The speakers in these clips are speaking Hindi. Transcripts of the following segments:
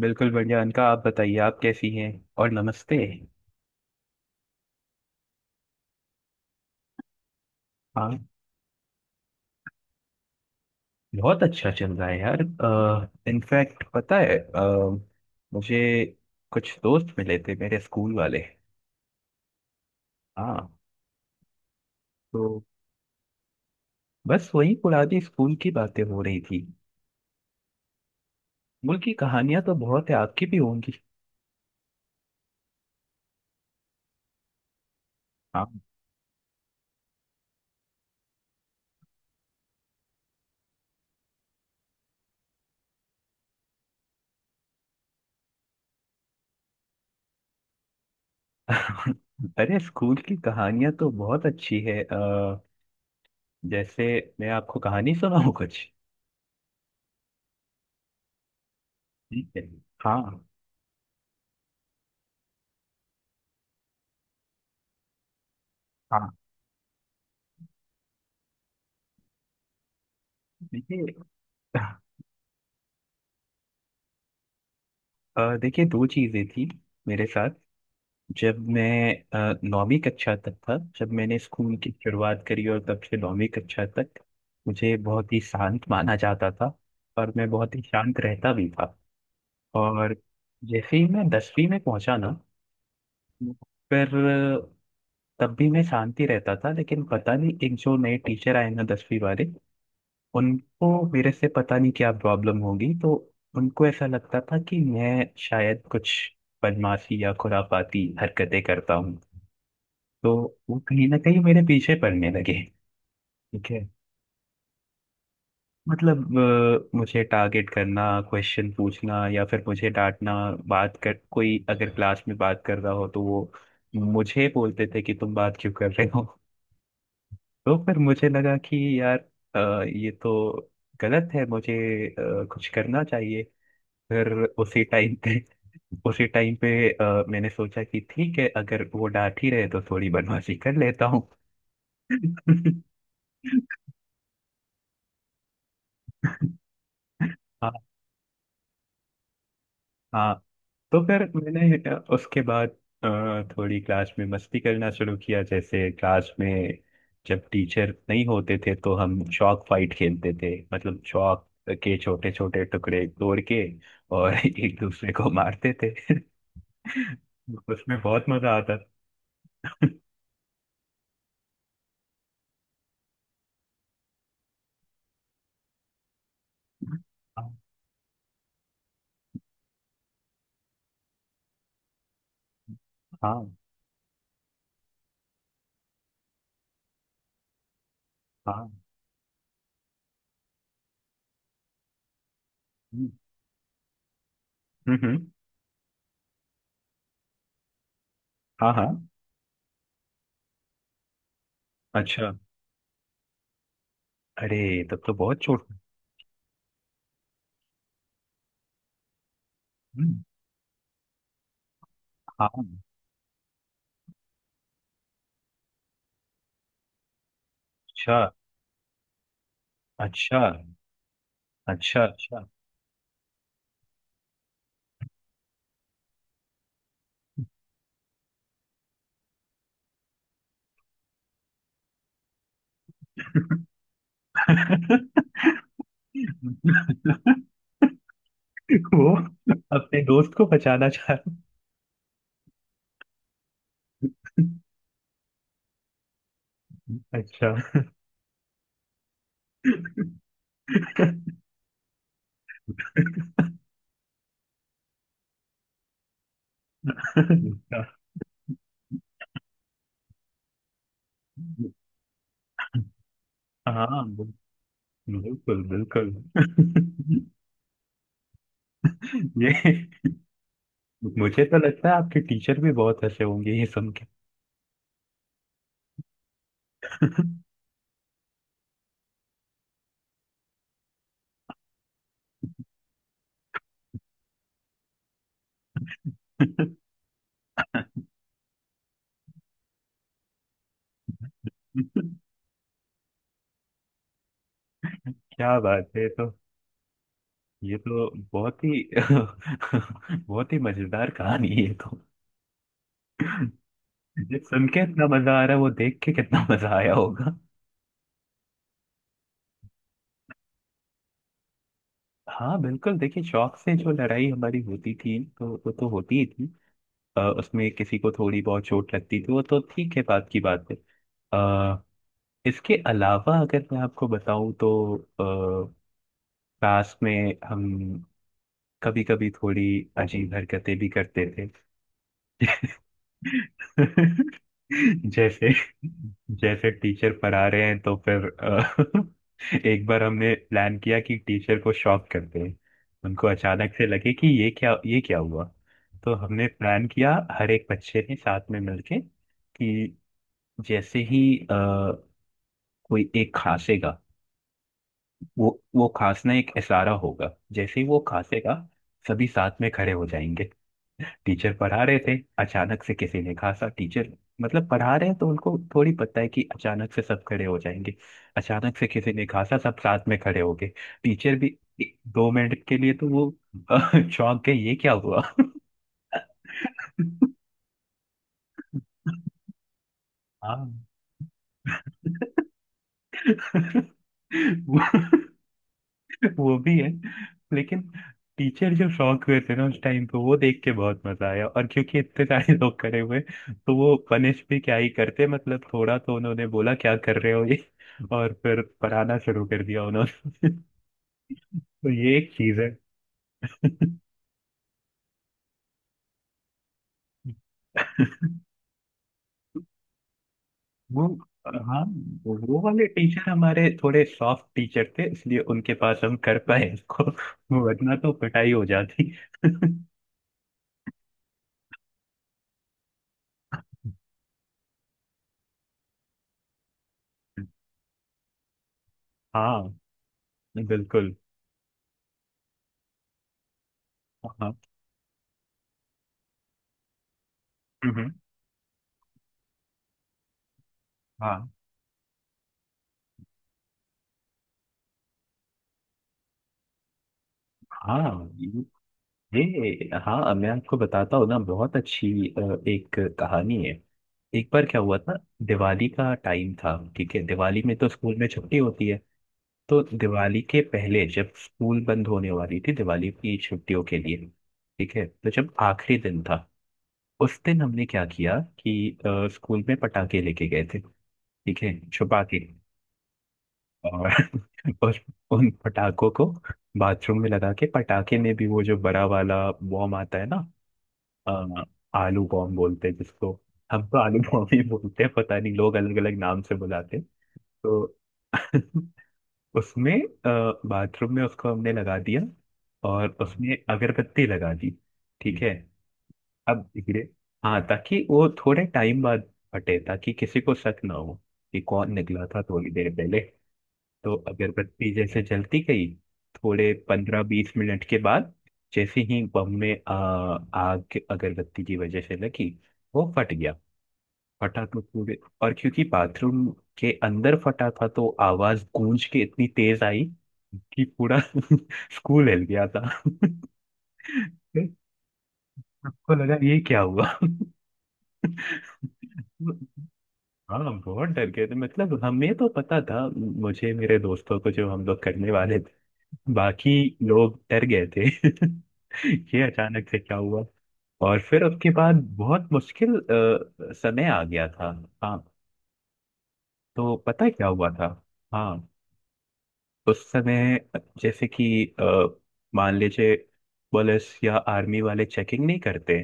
बिल्कुल बढ़िया अनका। आप बताइए, आप कैसी हैं? और नमस्ते। हाँ, बहुत अच्छा चल रहा है यार। इनफैक्ट पता है मुझे कुछ दोस्त मिले थे, मेरे स्कूल वाले। हाँ, तो बस वही पुरानी स्कूल की बातें हो रही थी। स्कूल की कहानियां तो बहुत है, आपकी भी होंगी। हाँ। अरे स्कूल की कहानियां तो बहुत अच्छी है। जैसे मैं आपको कहानी सुनाऊं कुछ? ठीक है। हाँ हाँ, देखिए। देखिए, दो चीज़ें थी मेरे साथ। जब मैं 9वीं कक्षा तक था, जब मैंने स्कूल की शुरुआत करी और तब से 9वीं कक्षा तक मुझे बहुत ही शांत माना जाता था। और मैं बहुत ही शांत रहता भी था। और जैसे ही मैं 10वीं में पहुंचा ना, पर तब भी मैं शांति रहता था, लेकिन पता नहीं एक जो नए टीचर आए ना 10वीं वाले, उनको मेरे से पता नहीं क्या प्रॉब्लम होगी। तो उनको ऐसा लगता था कि मैं शायद कुछ बदमाशी या खुराफाती हरकतें करता हूँ। तो वो कहीं ना कहीं मेरे पीछे पड़ने लगे। ठीक है, मतलब मुझे टारगेट करना, क्वेश्चन पूछना, या फिर मुझे डांटना। बात कर, कोई अगर क्लास में बात कर रहा हो तो वो मुझे बोलते थे कि तुम बात क्यों कर रहे हो। तो फिर मुझे लगा कि यार ये तो गलत है, मुझे कुछ करना चाहिए। फिर उसी टाइम पे उसी टाइम पे मैंने सोचा कि ठीक है, अगर वो डांट ही रहे तो थोड़ी बदमाशी कर लेता हूँ। हाँ हाँ। तो फिर मैंने उसके बाद थोड़ी क्लास में मस्ती करना शुरू किया। जैसे क्लास में जब टीचर नहीं होते थे तो हम चॉक फाइट खेलते थे। मतलब चॉक के छोटे छोटे टुकड़े तोड़ के और एक दूसरे को मारते थे। उसमें बहुत मजा आता था। हाँ हाँ। हम्म हम्म हम्म, हाँ हाँ, अच्छा। अरे तब तो बहुत चोट। हम्म, हाँ। अच्छा अच्छा। अच्छा अच्छा। वो अपने दोस्त को बचाना चाह रहा। अच्छा। हाँ, बिल्कुल बिल्कुल। ये, मुझे तो लगता है आपके टीचर भी बहुत हंसे होंगे ये सुन के। क्या बात है, ये तो, ये तो बहुत ही बहुत ही मजेदार कहानी है ये तो। ये सुन के इतना मजा आ रहा है, वो देख के कितना मजा आया होगा। हाँ बिल्कुल, देखिए, शौक से जो लड़ाई हमारी होती थी तो वो तो होती ही थी। उसमें किसी को थोड़ी बहुत चोट लगती थी, वो तो ठीक है, बात की बात है। अ, इसके अलावा अगर मैं आपको बताऊं तो अ, क्लास में हम कभी कभी थोड़ी अजीब हरकतें भी करते थे। जैसे, जैसे टीचर पढ़ा रहे हैं तो फिर एक बार हमने प्लान किया कि टीचर को शॉक करते हैं। उनको अचानक से लगे कि ये क्या, ये क्या हुआ? तो हमने प्लान किया, हर एक बच्चे ने साथ में मिलके कि जैसे ही अ, कोई एक खांसेगा, वो वो खांसना एक इशारा होगा। जैसे ही वो खांसेगा सभी साथ में खड़े हो जाएंगे। टीचर पढ़ा रहे थे, अचानक से किसी ने खांसा। टीचर मतलब पढ़ा रहे हैं तो उनको थोड़ी पता है कि अचानक से सब खड़े हो जाएंगे। अचानक से किसी ने खांसा, सब साथ में खड़े हो गए। टीचर भी 1-2 मिनट के लिए तो वो अ, चौंक गए, ये क्या हुआ। हाँ। वो- वो भी है, लेकिन टीचर जो शौक हुए थे ना उस टाइम पे, वो देख के बहुत मजा आया। और क्योंकि इतने सारे लोग खड़े हुए तो वो पनिश भी क्या ही करते, मतलब थोड़ा तो उन्होंने बोला क्या कर रहे हो ये। और फिर पढ़ाना शुरू कर दिया उन्होंने। तो ये एक चीज है। वो, हाँ, वो वाले टीचर हमारे थोड़े सॉफ्ट टीचर थे, इसलिए उनके पास हम कर पाए इसको। वरना तो पिटाई हो जाती। हाँ बिल्कुल। हाँ, हम्म, हाँ हाँ। ये, हाँ मैं आपको बताता हूँ ना, बहुत अच्छी अ, एक कहानी है। एक बार क्या हुआ था, दिवाली का टाइम था। ठीक है, दिवाली में तो स्कूल में छुट्टी होती है। तो दिवाली के पहले जब स्कूल बंद होने वाली थी दिवाली की छुट्टियों के लिए, ठीक है, तो जब आखिरी दिन था उस दिन हमने क्या किया कि स्कूल में पटाखे लेके गए थे। ठीक है, छुपा के। और उस- उन पटाखों को बाथरूम में लगा के। पटाखे में भी वो जो बड़ा वाला बॉम आता है ना अ, आलू बॉम बोलते हैं जिसको। हम तो आलू बॉम ही बोलते हैं, पता नहीं लोग अलग अलग नाम से बुलाते हैं। तो उसमें, बाथरूम में उसको हमने लगा दिया और उसमें अगरबत्ती लगा दी। ठीक है, अब धीरे। हाँ, ताकि वो थोड़े टाइम बाद फटे, ताकि किसी को शक ना हो कि कौन निकला था थोड़ी देर पहले। तो अगरबत्ती जैसे जलती गई, थोड़े 15-20 मिनट के बाद जैसे ही बम में आग अगरबत्ती की वजह से लगी, वो फट गया। फटा तो पूरे, और क्योंकि बाथरूम के अंदर फटा था तो आवाज गूंज के इतनी तेज आई कि पूरा स्कूल हिल गया था। सबको लगा ये क्या हुआ। हाँ, बहुत डर गए थे। मतलब हमें तो पता था, मुझे, मेरे दोस्तों को, जो हम लोग करने वाले थे, बाकी लोग डर गए थे। ये अचानक से क्या हुआ? और फिर उसके बाद बहुत मुश्किल समय आ गया था। हाँ, तो पता है क्या हुआ था। हाँ, उस समय जैसे कि मान लीजिए पुलिस या आर्मी वाले चेकिंग नहीं करते,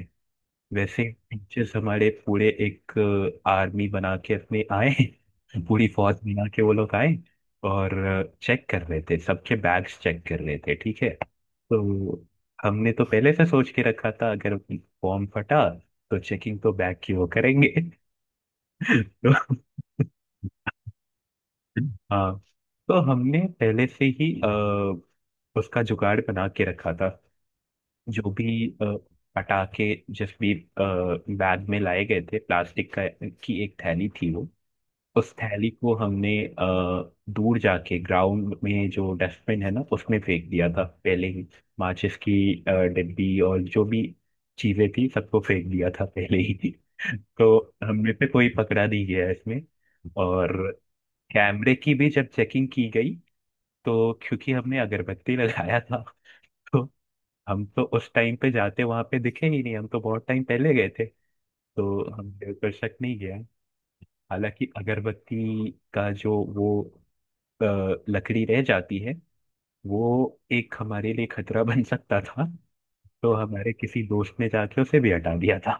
वैसे टीचर्स हमारे पूरे एक आर्मी बना के अपने आए, पूरी फौज बना के वो लोग आए। और चेक कर रहे थे, सबके बैग्स चेक कर रहे थे, ठीक है। तो हमने तो पहले से सोच के रखा था, अगर फॉर्म फटा तो चेकिंग तो बैग की वो करेंगे। तो हाँ, तो हमने पहले से ही उसका जुगाड़ बना के रखा था। जो भी पटाखे जिस भी बैग में लाए गए थे, प्लास्टिक का की एक थैली थी वो, उस थैली को हमने दूर जाके ग्राउंड में जो डस्टबिन है ना उसमें फेंक दिया था पहले ही। माचिस की डिब्बी और जो भी चीजें थी सबको फेंक दिया था पहले ही। तो हमने पे कोई पकड़ा नहीं गया इसमें। और कैमरे की भी जब चेकिंग की गई तो क्योंकि हमने अगरबत्ती लगाया था। हम तो उस टाइम पे जाते वहां पे दिखे ही नहीं, हम तो बहुत टाइम पहले गए थे। तो हमने दर्शक नहीं गया। हालांकि अगरबत्ती का जो वो अ, लकड़ी रह जाती है, वो एक हमारे लिए खतरा बन सकता था। तो हमारे किसी दोस्त ने जाके उसे भी हटा दिया था।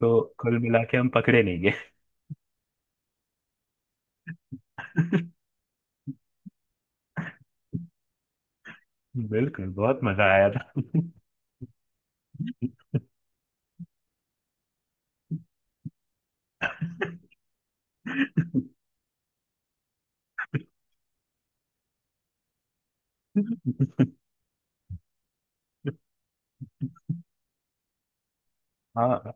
तो कुल मिला के हम पकड़े नहीं गए। बिल्कुल, बहुत मजा आया था। हाँ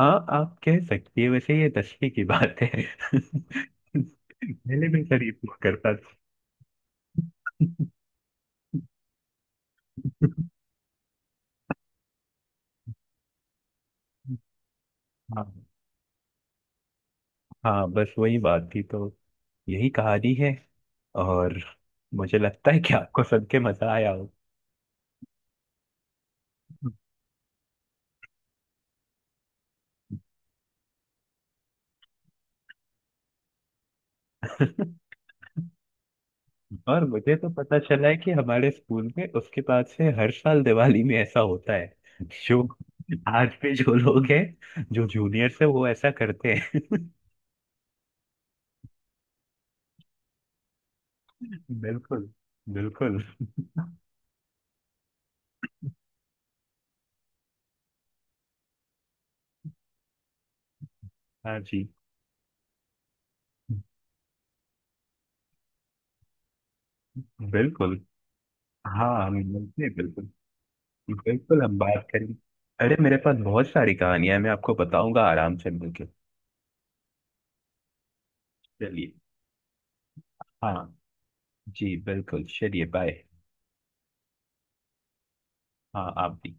हाँ, आप कह सकती है। वैसे ये 10वीं की बात है। पहले मैं शरीफ हुआ करता था। हाँ हाँ, बस वही बात थी। तो यही कहानी है, और मुझे लगता है कि आपको सुन के मजा आया हो। और मुझे तो पता चला है कि हमारे स्कूल में उसके बाद से हर साल दिवाली में ऐसा होता है। जो आज भी जो लोग हैं, जो जूनियर्स है, वो ऐसा करते हैं। बिल्कुल बिल्कुल। हाँ जी बिल्कुल। हाँ, हम मिलते हैं बिल्कुल। बिल्कुल, हम बात करें। अरे, मेरे पास बहुत सारी कहानियां हैं, मैं आपको बताऊंगा आराम से मिलकर। चलिए। हाँ जी बिल्कुल, चलिए, बाय। हाँ, आप भी।